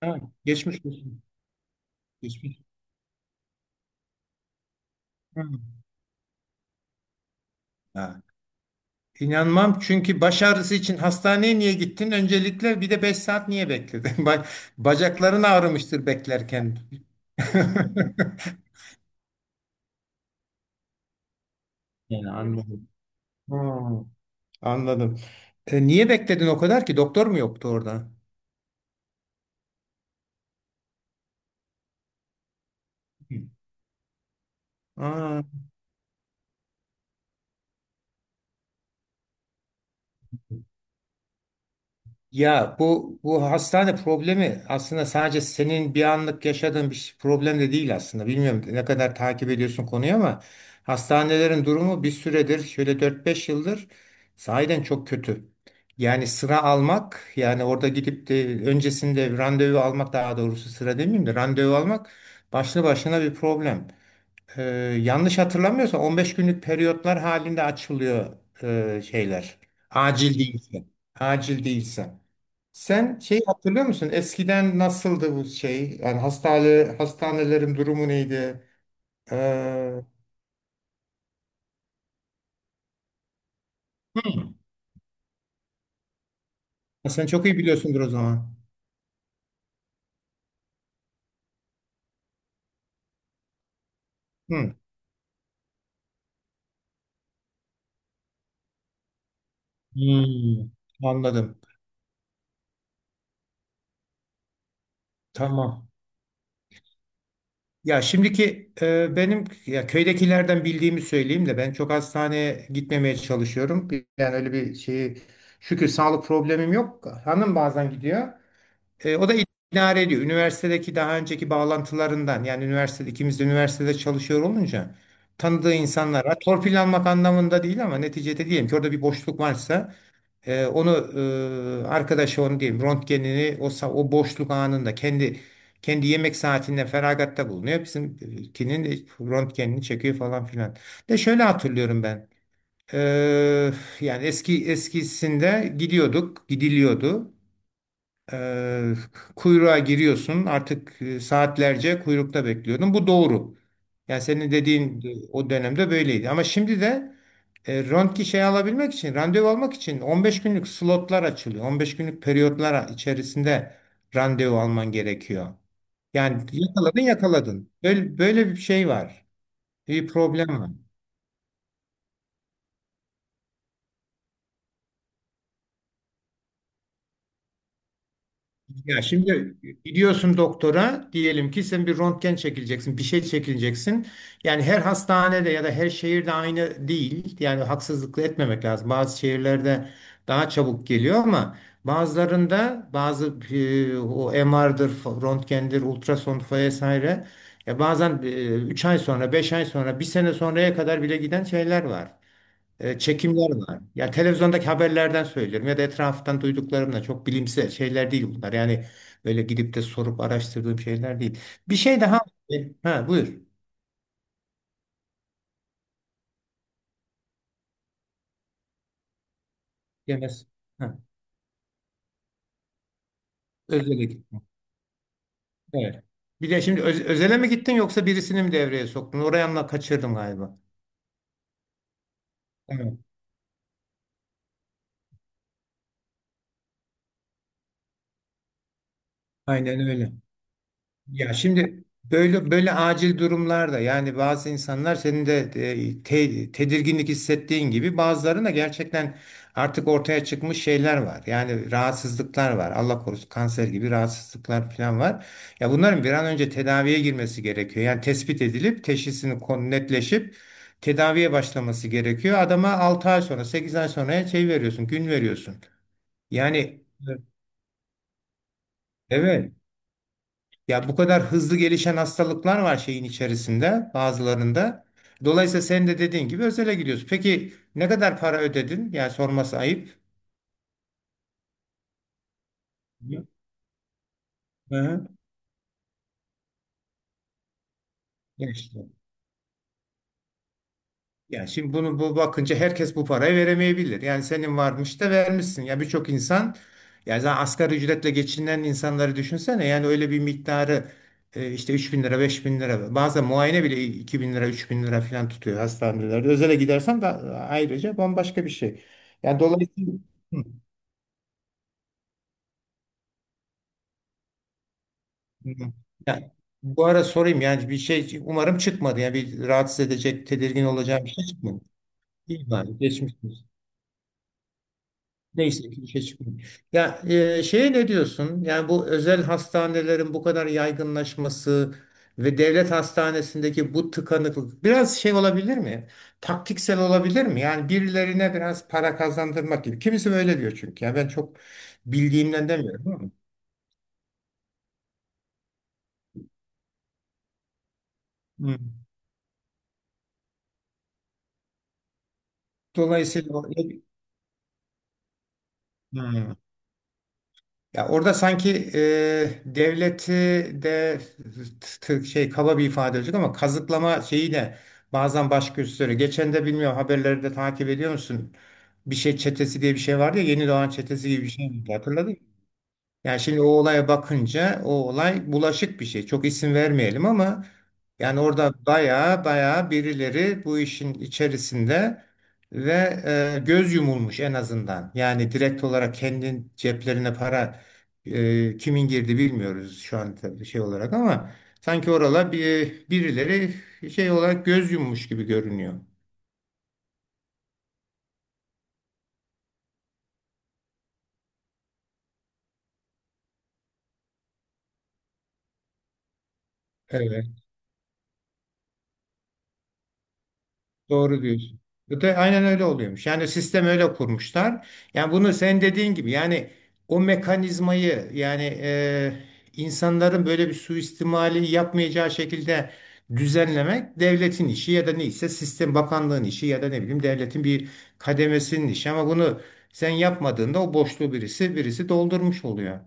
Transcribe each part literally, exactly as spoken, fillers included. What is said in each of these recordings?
Ha, geçmiş olsun. Geçmiş. Hı. Ha. İnanmam, çünkü baş ağrısı için hastaneye niye gittin? Öncelikle, bir de beş saat niye bekledin? Ba- Bacakların ağrımıştır beklerken. Yani anladım. Hı, anladım. E, niye bekledin o kadar ki? Doktor mu yoktu orada? Hı. Aa. Ya bu bu hastane problemi aslında sadece senin bir anlık yaşadığın bir şey- problem de değil aslında. Bilmiyorum ne kadar takip ediyorsun konuyu ama hastanelerin durumu bir süredir şöyle dört beş yıldır sahiden çok kötü. Yani sıra almak, yani orada gidip de öncesinde randevu almak, daha doğrusu sıra demeyeyim de randevu almak başlı başına bir problem. Ee, yanlış hatırlamıyorsam on beş günlük periyotlar halinde açılıyor e, şeyler. Acil değilse. Acil değilse. Sen şey hatırlıyor musun? Eskiden nasıldı bu şey? Yani hastane, hastanelerin durumu neydi? Ee, hı. Sen çok iyi biliyorsundur o zaman. Hı. Hmm, anladım. Tamam. Ya şimdiki e, benim, ya köydekilerden bildiğimi söyleyeyim de ben çok hastaneye gitmemeye çalışıyorum. Bir- Yani öyle bir şeyi, şükür, sağlık problemim yok. Hanım bazen gidiyor. E, o da idare ediyor. Üniversitedeki daha önceki bağlantılarından, yani üniversitede ikimiz de üniversitede çalışıyor olunca, tanıdığı insanlara torpil almak anlamında değil ama neticede diyelim ki orada bir boşluk varsa, ee, onu e, arkadaşı onu diyeyim, röntgenini, o, sa- o boşluk anında kendi kendi yemek saatinde feragatta bulunuyor. Bizimkinin röntgenini çekiyor falan filan. De şöyle hatırlıyorum ben. Ee, yani eski eskisinde gidiyorduk, gidiliyordu. Ee, kuyruğa giriyorsun artık, e, saatlerce kuyrukta bekliyordun. Bu doğru. Yani senin dediğin, e, o dönemde böyleydi. Ama şimdi de, e, röntgen şey alabilmek için, randevu almak için on beş günlük slotlar açılıyor. on beş günlük periyotlar içerisinde randevu alman gerekiyor. Yani yakaladın yakaladın. Böyle, böyle bir şey var. Bir problem var. Ya şimdi gidiyorsun doktora, diyelim ki sen bir röntgen çekileceksin, bir şey çekileceksin. Yani her hastanede ya da her şehirde aynı değil. Yani haksızlık etmemek lazım. Bazı şehirlerde daha çabuk geliyor ama bazılarında bazı, e, o M R'dır, röntgendir, ultrason vesaire. Ya bazen, e, üç ay sonra, beş ay sonra, bir sene sonraya kadar bile giden şeyler var, e, çekimler var. Ya televizyondaki haberlerden söylüyorum ya da etraftan duyduklarımla, çok bilimsel şeyler değil bunlar. Yani böyle gidip de sorup araştırdığım şeyler değil. Bir şey daha. E, Ha, buyur. Yemez. Ha, özele gittim. Evet. Bir de şimdi öz- özele mi gittin yoksa birisini mi devreye soktun? Orayı anla kaçırdım galiba. Evet. Aynen öyle. Ya şimdi böyle böyle acil durumlarda, yani bazı insanlar, senin de, e, te- tedirginlik hissettiğin gibi, bazılarında gerçekten artık ortaya çıkmış şeyler var. Yani rahatsızlıklar var. Allah korusun, kanser gibi rahatsızlıklar falan var. Ya bunların bir an önce tedaviye girmesi gerekiyor. Yani tespit edilip teşhisini kon- netleşip tedaviye başlaması gerekiyor. Adama altı ay sonra, sekiz ay sonra şey veriyorsun, gün veriyorsun. Yani. Evet. Ya bu kadar hızlı gelişen hastalıklar var şeyin içerisinde bazılarında. Dolayısıyla sen de dediğin gibi özele gidiyorsun. Peki ne kadar para ödedin? Yani sorması ayıp. Hı hı. Geçti. Yani şimdi bunu bu bakınca herkes bu parayı veremeyebilir. Yani senin varmış da vermişsin. Ya birçok insan, yani zaten asgari ücretle geçinen insanları düşünsene. Yani öyle bir miktarı, e, işte, üç bin lira, beş bin lira, bazen muayene bile iki bin lira, üç bin lira falan tutuyor hastanelerde. Özele gidersen de ayrıca bambaşka bir şey. Yani dolayısıyla. Hı, hı. Yani bu ara sorayım, yani bir şey umarım çıkmadı. Yani bir rahatsız edecek, tedirgin olacağım bir şey çıkmadı. İyi bari geçmiş. Neyse ki işe çıkmıyor. Ya, e, şeye ne diyorsun? Yani bu özel hastanelerin bu kadar yaygınlaşması ve devlet hastanesindeki bu tıkanıklık biraz şey olabilir mi? Taktiksel olabilir mi? Yani birilerine biraz para kazandırmak gibi. Kimisi böyle diyor çünkü. Yani ben çok bildiğimden demiyorum ama. Hı. Dolayısıyla o- Hı. Ya orada sanki, e, devleti de, t- t- şey, kaba bir ifade olacak ama, kazıklama şeyiyle bazen baş gösteriyor. Geçen de, bilmiyorum, haberleri de takip ediyor musun? Bir şey çetesi diye bir şey vardı ya, Yeni Doğan çetesi gibi bir şey miydi, hatırladın mı? Yani şimdi o olaya bakınca o olay bulaşık bir şey. Çok isim vermeyelim ama yani orada baya baya birileri bu işin içerisinde ve, e, göz yumulmuş en azından. Yani direkt olarak kendi ceplerine para, e, kimin girdi bilmiyoruz şu an, tabii, şey olarak, ama sanki orala bir birileri şey olarak göz yummuş gibi görünüyor. Evet. Doğru diyorsun. Bu da aynen öyle oluyormuş. Yani sistem öyle kurmuşlar. Yani bunu sen dediğin gibi, yani o mekanizmayı, yani, e, insanların böyle bir suistimali yapmayacağı şekilde düzenlemek devletin işi, ya da neyse, sistem bakanlığın işi, ya da ne bileyim, devletin bir kademesinin işi, ama bunu sen yapmadığında o boşluğu birisi birisi doldurmuş oluyor.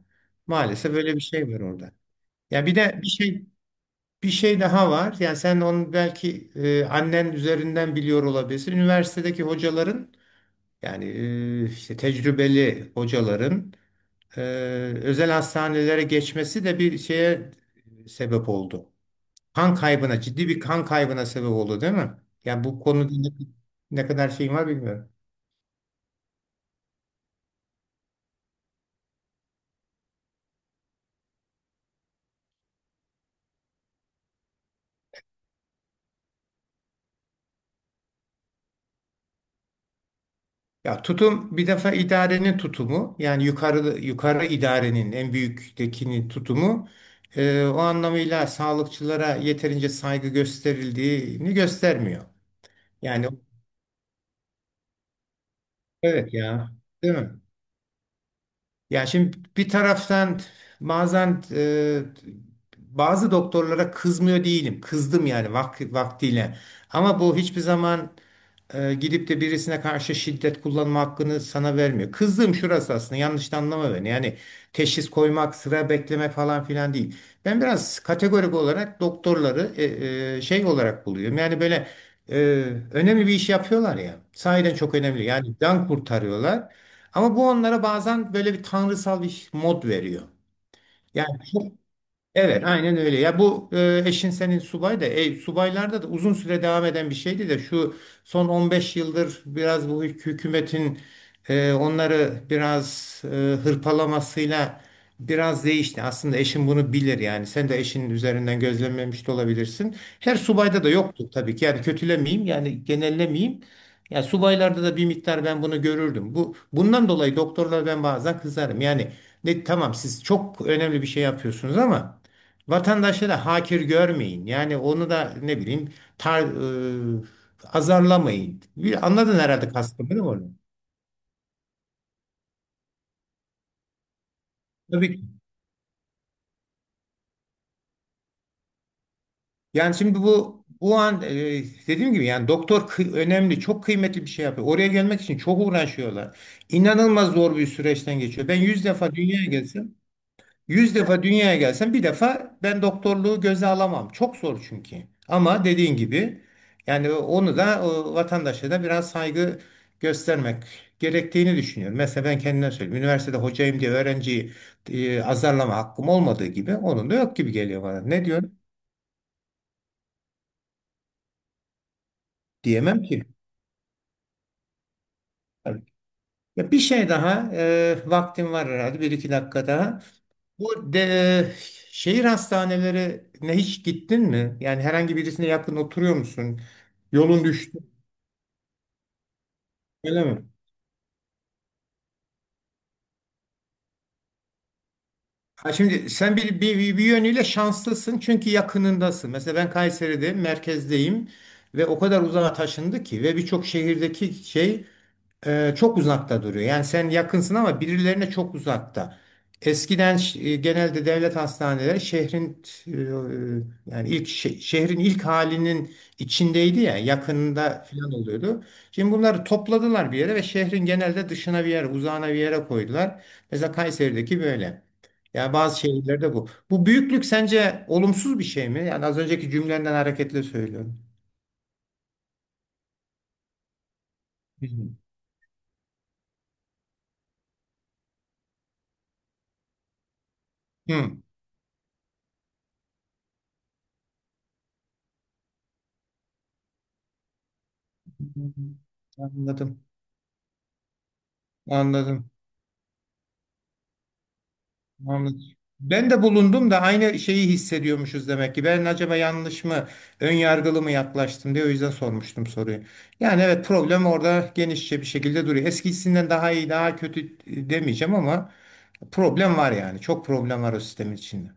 Maalesef böyle bir şey var orada. Ya bir de bir şey bir şey daha var. Yani sen onu belki, e, annen üzerinden biliyor olabilirsin. Üniversitedeki hocaların, yani, e, işte tecrübeli hocaların, e, özel hastanelere geçmesi de bir şeye sebep oldu. Kan kaybına, ciddi bir kan kaybına sebep oldu, değil mi? Yani bu konuda ne, ne kadar şeyin var bilmiyorum. Ya tutum, bir defa idarenin tutumu, yani yukarı yukarı idarenin en büyüktekinin tutumu, e, o anlamıyla sağlıkçılara yeterince saygı gösterildiğini göstermiyor. Yani evet ya, değil mi? Ya şimdi bir taraftan, bazen, e, bazı doktorlara kızmıyor değilim. Kızdım yani vak- vaktiyle. Ama bu hiçbir zaman, e, gidip de birisine karşı şiddet kullanma hakkını sana vermiyor. Kızdığım şurası aslında, yanlış da anlama beni. Yani teşhis koymak, sıra bekleme falan filan değil. Ben biraz kategorik olarak doktorları, e, e, şey olarak buluyorum. Yani böyle, e, önemli bir iş yapıyorlar ya. Sahiden çok önemli. Yani can kurtarıyorlar. Ama bu onlara bazen böyle bir tanrısal bir mod veriyor. Yani çok. Evet, aynen öyle. Ya bu, e, eşin senin subay da, e, subaylarda da uzun süre devam eden bir şeydi, de şu son on beş yıldır biraz bu hük- hükümetin, e, onları biraz, e, hırpalamasıyla biraz değişti. Aslında eşin bunu bilir yani. Sen de eşinin üzerinden gözlemlemiş de olabilirsin. Her subayda da yoktu tabii ki. Yani kötülemeyeyim, yani genellemeyeyim. Ya subaylarda da bir miktar ben bunu görürdüm. Bu bundan dolayı doktorlara ben bazen kızarım. Yani, ne, tamam, siz çok önemli bir şey yapıyorsunuz ama vatandaşları hakir görmeyin. Yani onu da, ne bileyim, tar, e, azarlamayın. Bir, anladın herhalde kastımı, değil mi orada? Tabii ki. Yani şimdi bu bu an, e, dediğim gibi, yani doktor, kı- önemli, çok kıymetli bir şey yapıyor. Oraya gelmek için çok uğraşıyorlar. İnanılmaz zor bir süreçten geçiyor. Ben yüz defa dünyaya gelsem Yüz defa dünyaya gelsen bir defa ben doktorluğu göze alamam. Çok zor çünkü. Ama dediğin gibi yani onu da, o vatandaşa da biraz saygı göstermek gerektiğini düşünüyorum. Mesela ben kendime söyleyeyim. Üniversitede hocayım diye öğrenciyi, e, azarlama hakkım olmadığı gibi, onun da yok gibi geliyor bana. Ne diyorum? Diyemem ki. Ya bir şey daha, e, vaktim var herhalde, bir iki dakika daha. Bu de, şehir hastanelerine hiç gittin mi? Yani herhangi birisine yakın oturuyor musun? Yolun düştü mü? Öyle mi? Ha, şimdi sen bir, bir, bir bir yönüyle şanslısın çünkü yakınındasın. Mesela ben Kayseri'de merkezdeyim ve o kadar uzağa taşındı ki, ve birçok şehirdeki şey, e, çok uzakta duruyor. Yani sen yakınsın ama birilerine çok uzakta. Eskiden ş- e, genelde devlet hastaneleri şehrin, e, yani ilk şe- şehrin ilk halinin içindeydi ya, yakınında falan oluyordu. Şimdi bunları topladılar bir yere ve şehrin genelde dışına bir yere, uzağına bir yere koydular. Mesela Kayseri'deki böyle. Yani bazı şehirlerde bu. Bu büyüklük sence olumsuz bir şey mi? Yani az önceki cümlenden hareketle söylüyorum. Hı hı. Anladım. Anladım. Anladım. Ben de bulundum da aynı şeyi hissediyormuşuz demek ki. Ben acaba yanlış mı, ön yargılı mı yaklaştım diye o yüzden sormuştum soruyu. Yani evet, problem orada genişçe bir şekilde duruyor. Eskisinden daha iyi, daha kötü, e, demeyeceğim ama problem var yani. Çok problem var o sistemin içinde.